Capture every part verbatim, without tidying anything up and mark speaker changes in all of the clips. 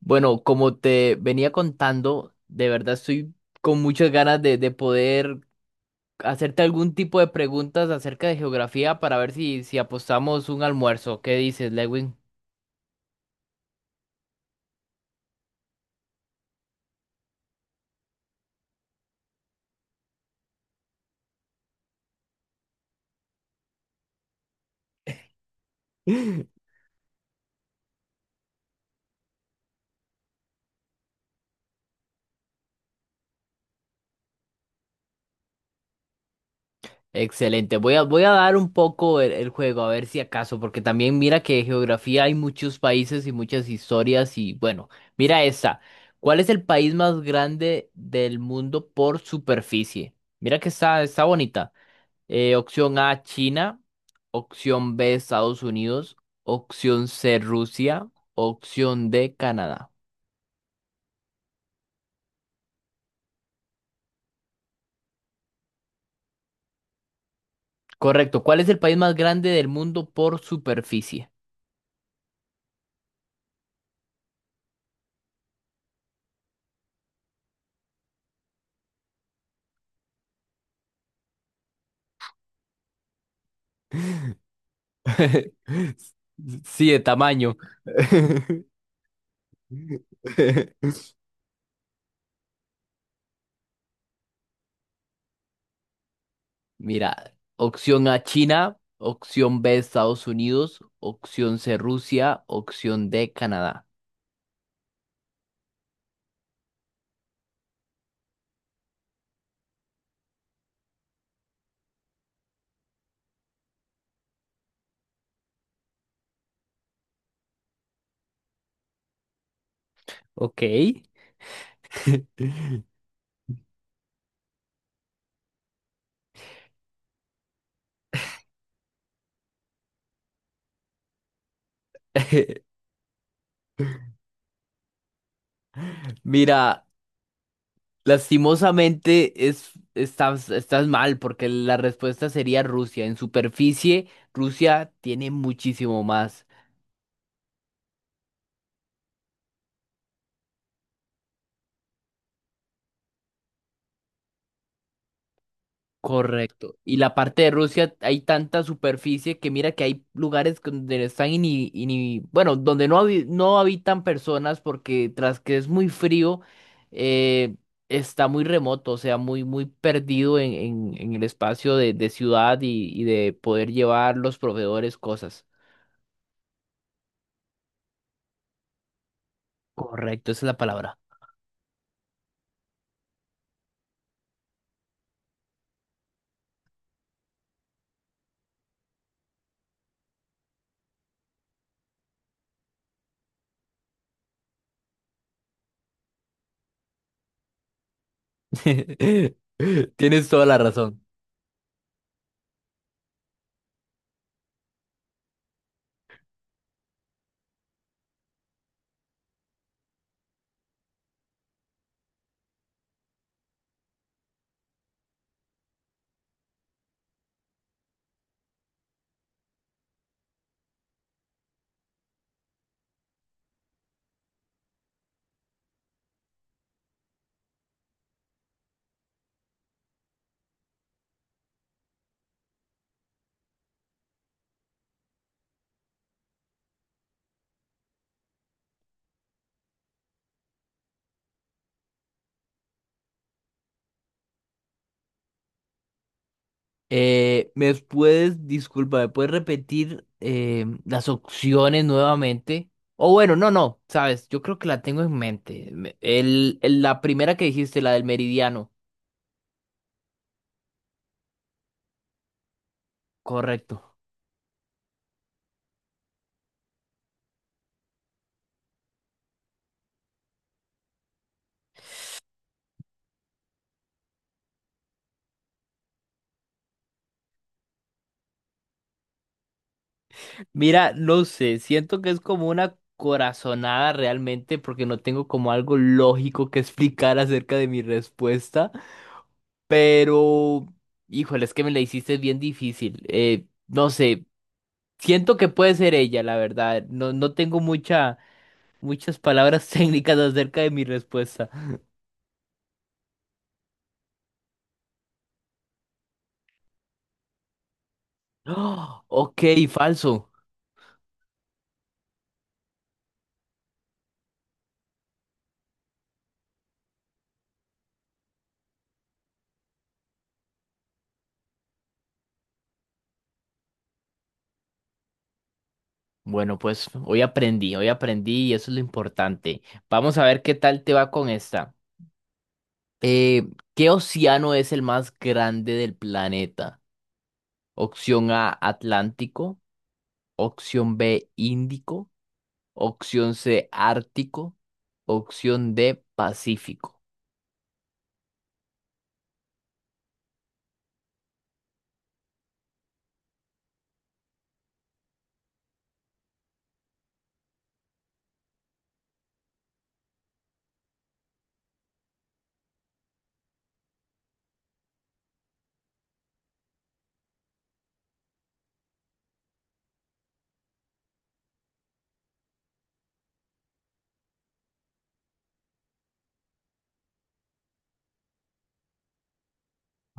Speaker 1: Bueno, como te venía contando, de verdad estoy con muchas ganas de, de poder hacerte algún tipo de preguntas acerca de geografía para ver si, si apostamos un almuerzo. ¿Qué dices, Lewin? Excelente. Voy a, voy a dar un poco el, el juego, a ver si acaso, porque también mira que de geografía hay muchos países y muchas historias y bueno, mira esta. ¿Cuál es el país más grande del mundo por superficie? Mira que está, está bonita. Eh, opción A, China. Opción B, Estados Unidos. Opción C, Rusia. Opción D, Canadá. Correcto. ¿Cuál es el país más grande del mundo por superficie? Sí, de tamaño. Mira, opción A, China. Opción B, Estados Unidos. Opción C, Rusia. Opción D, Canadá. Ok. Mira. Lastimosamente es, estás, estás mal porque la respuesta sería Rusia. En superficie, Rusia tiene muchísimo más. Correcto. Y la parte de Rusia hay tanta superficie que mira que hay lugares que donde están y ni, y ni- bueno, donde no, habi- no habitan personas porque tras que es muy frío, eh, está muy remoto, o sea, muy, muy perdido en, en, en el espacio de, de ciudad y, y de poder llevar los proveedores cosas. Correcto, esa es la palabra. Tienes toda la razón. Eh, ¿me puedes, disculpa, ¿me puedes repetir eh, las opciones nuevamente? O bueno, no, no, sabes, yo creo que la tengo en mente. Me- El, el- la primera que dijiste, la del meridiano, correcto. Mira, no sé, siento que es como una corazonada realmente porque no tengo como algo lógico que explicar acerca de mi respuesta, pero, híjole, es que me la hiciste bien difícil. Eh, no sé. Siento que puede ser ella, la verdad. No, no tengo mucha, muchas palabras técnicas acerca de mi respuesta. ¡Oh! Ok, falso. Bueno, pues hoy aprendí, hoy aprendí y eso es lo importante. Vamos a ver qué tal te va con esta. Eh, ¿Qué océano es el más grande del planeta? Opción A, Atlántico. Opción B, Índico. Opción C, Ártico. Opción D, Pacífico.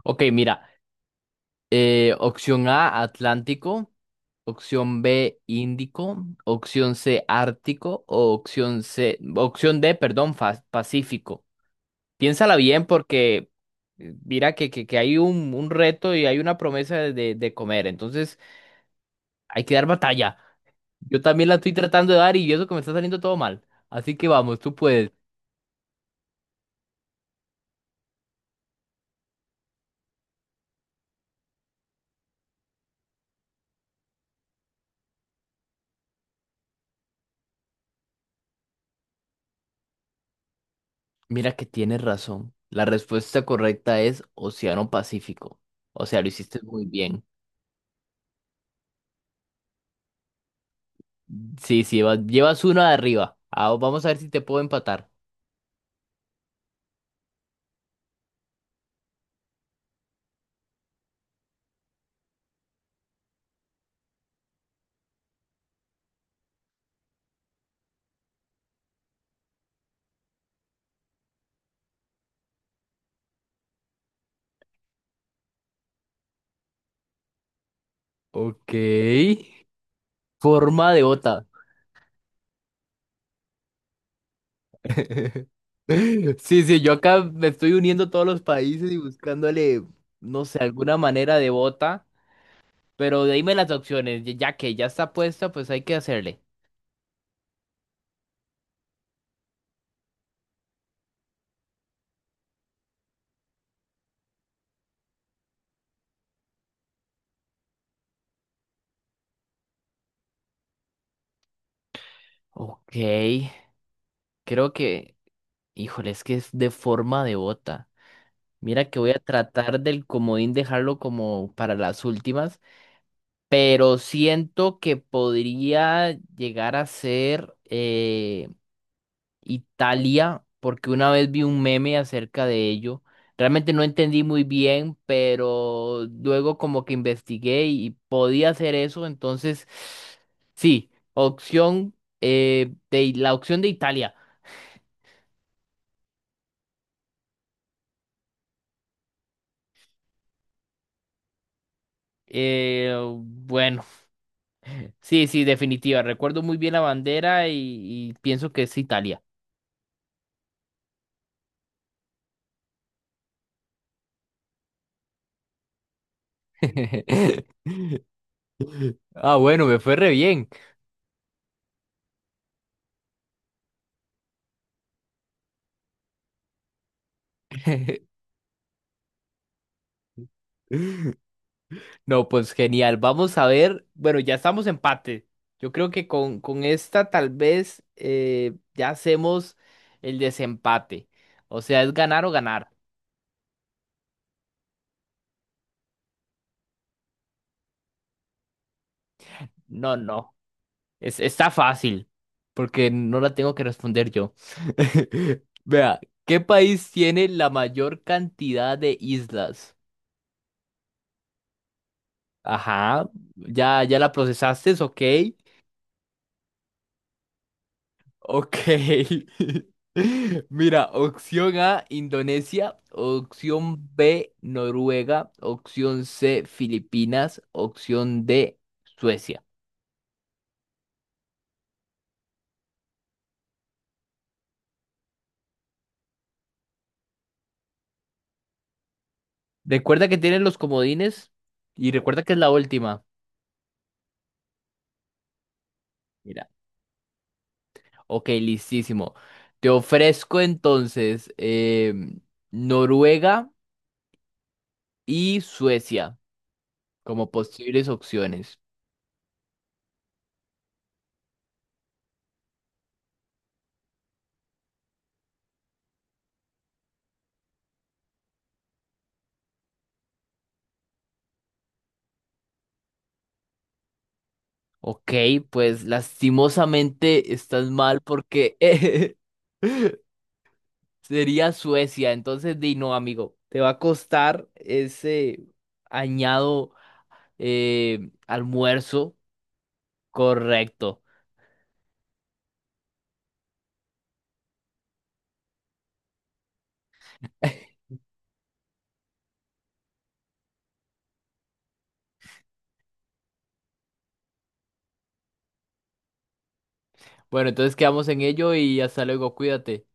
Speaker 1: Ok, mira. Eh, opción A, Atlántico. Opción B, Índico. Opción C, Ártico. O opción C, opción D, perdón, fa- Pacífico. Piénsala bien porque eh, mira que, que, que hay un, un reto y hay una promesa de, de de comer. Entonces hay que dar batalla. Yo también la estoy tratando de dar y eso que me está saliendo todo mal. Así que vamos, tú puedes. Mira que tienes razón. La respuesta correcta es Océano Pacífico. O sea, lo hiciste muy bien. Sí, sí, vas- llevas uno de arriba. Ah, vamos a ver si te puedo empatar. Ok. Forma de bota. Sí, sí, yo acá me estoy uniendo todos los países y buscándole, no sé, alguna manera de bota. Pero dime las opciones, ya ya que ya está puesta, pues hay que hacerle. Ok, creo que, híjole, es que es de forma de bota. Mira que voy a tratar del comodín dejarlo como para las últimas. Pero siento que podría llegar a ser eh, Italia, porque una vez vi un meme acerca de ello. Realmente no entendí muy bien, pero luego como que investigué y podía hacer eso, entonces sí, opción eh, de la opción de Italia. Eh, bueno, sí, sí, definitiva. Recuerdo muy bien la bandera y, y pienso que es Italia. Ah, bueno, me fue re bien. No, pues genial. Vamos a ver. Bueno, ya estamos empate. Yo creo que con, con esta tal vez eh, ya hacemos el desempate. O sea, es ganar o ganar. No, no. Es, está fácil, porque no la tengo que responder yo. Vea, ¿qué país tiene la mayor cantidad de islas? Ajá, ya, ya la procesaste, ok. Ok. Mira, opción A, Indonesia, opción B, Noruega, opción C, Filipinas, opción D, Suecia. Recuerda que tienen los comodines y recuerda que es la última. Mira, ok, listísimo. Te ofrezco entonces em, Noruega y Suecia como posibles opciones. Ok, pues lastimosamente estás mal porque… Sería Suecia, entonces di no, amigo, te va a costar ese añado eh, almuerzo correcto. Bueno, entonces quedamos en ello y hasta luego, cuídate.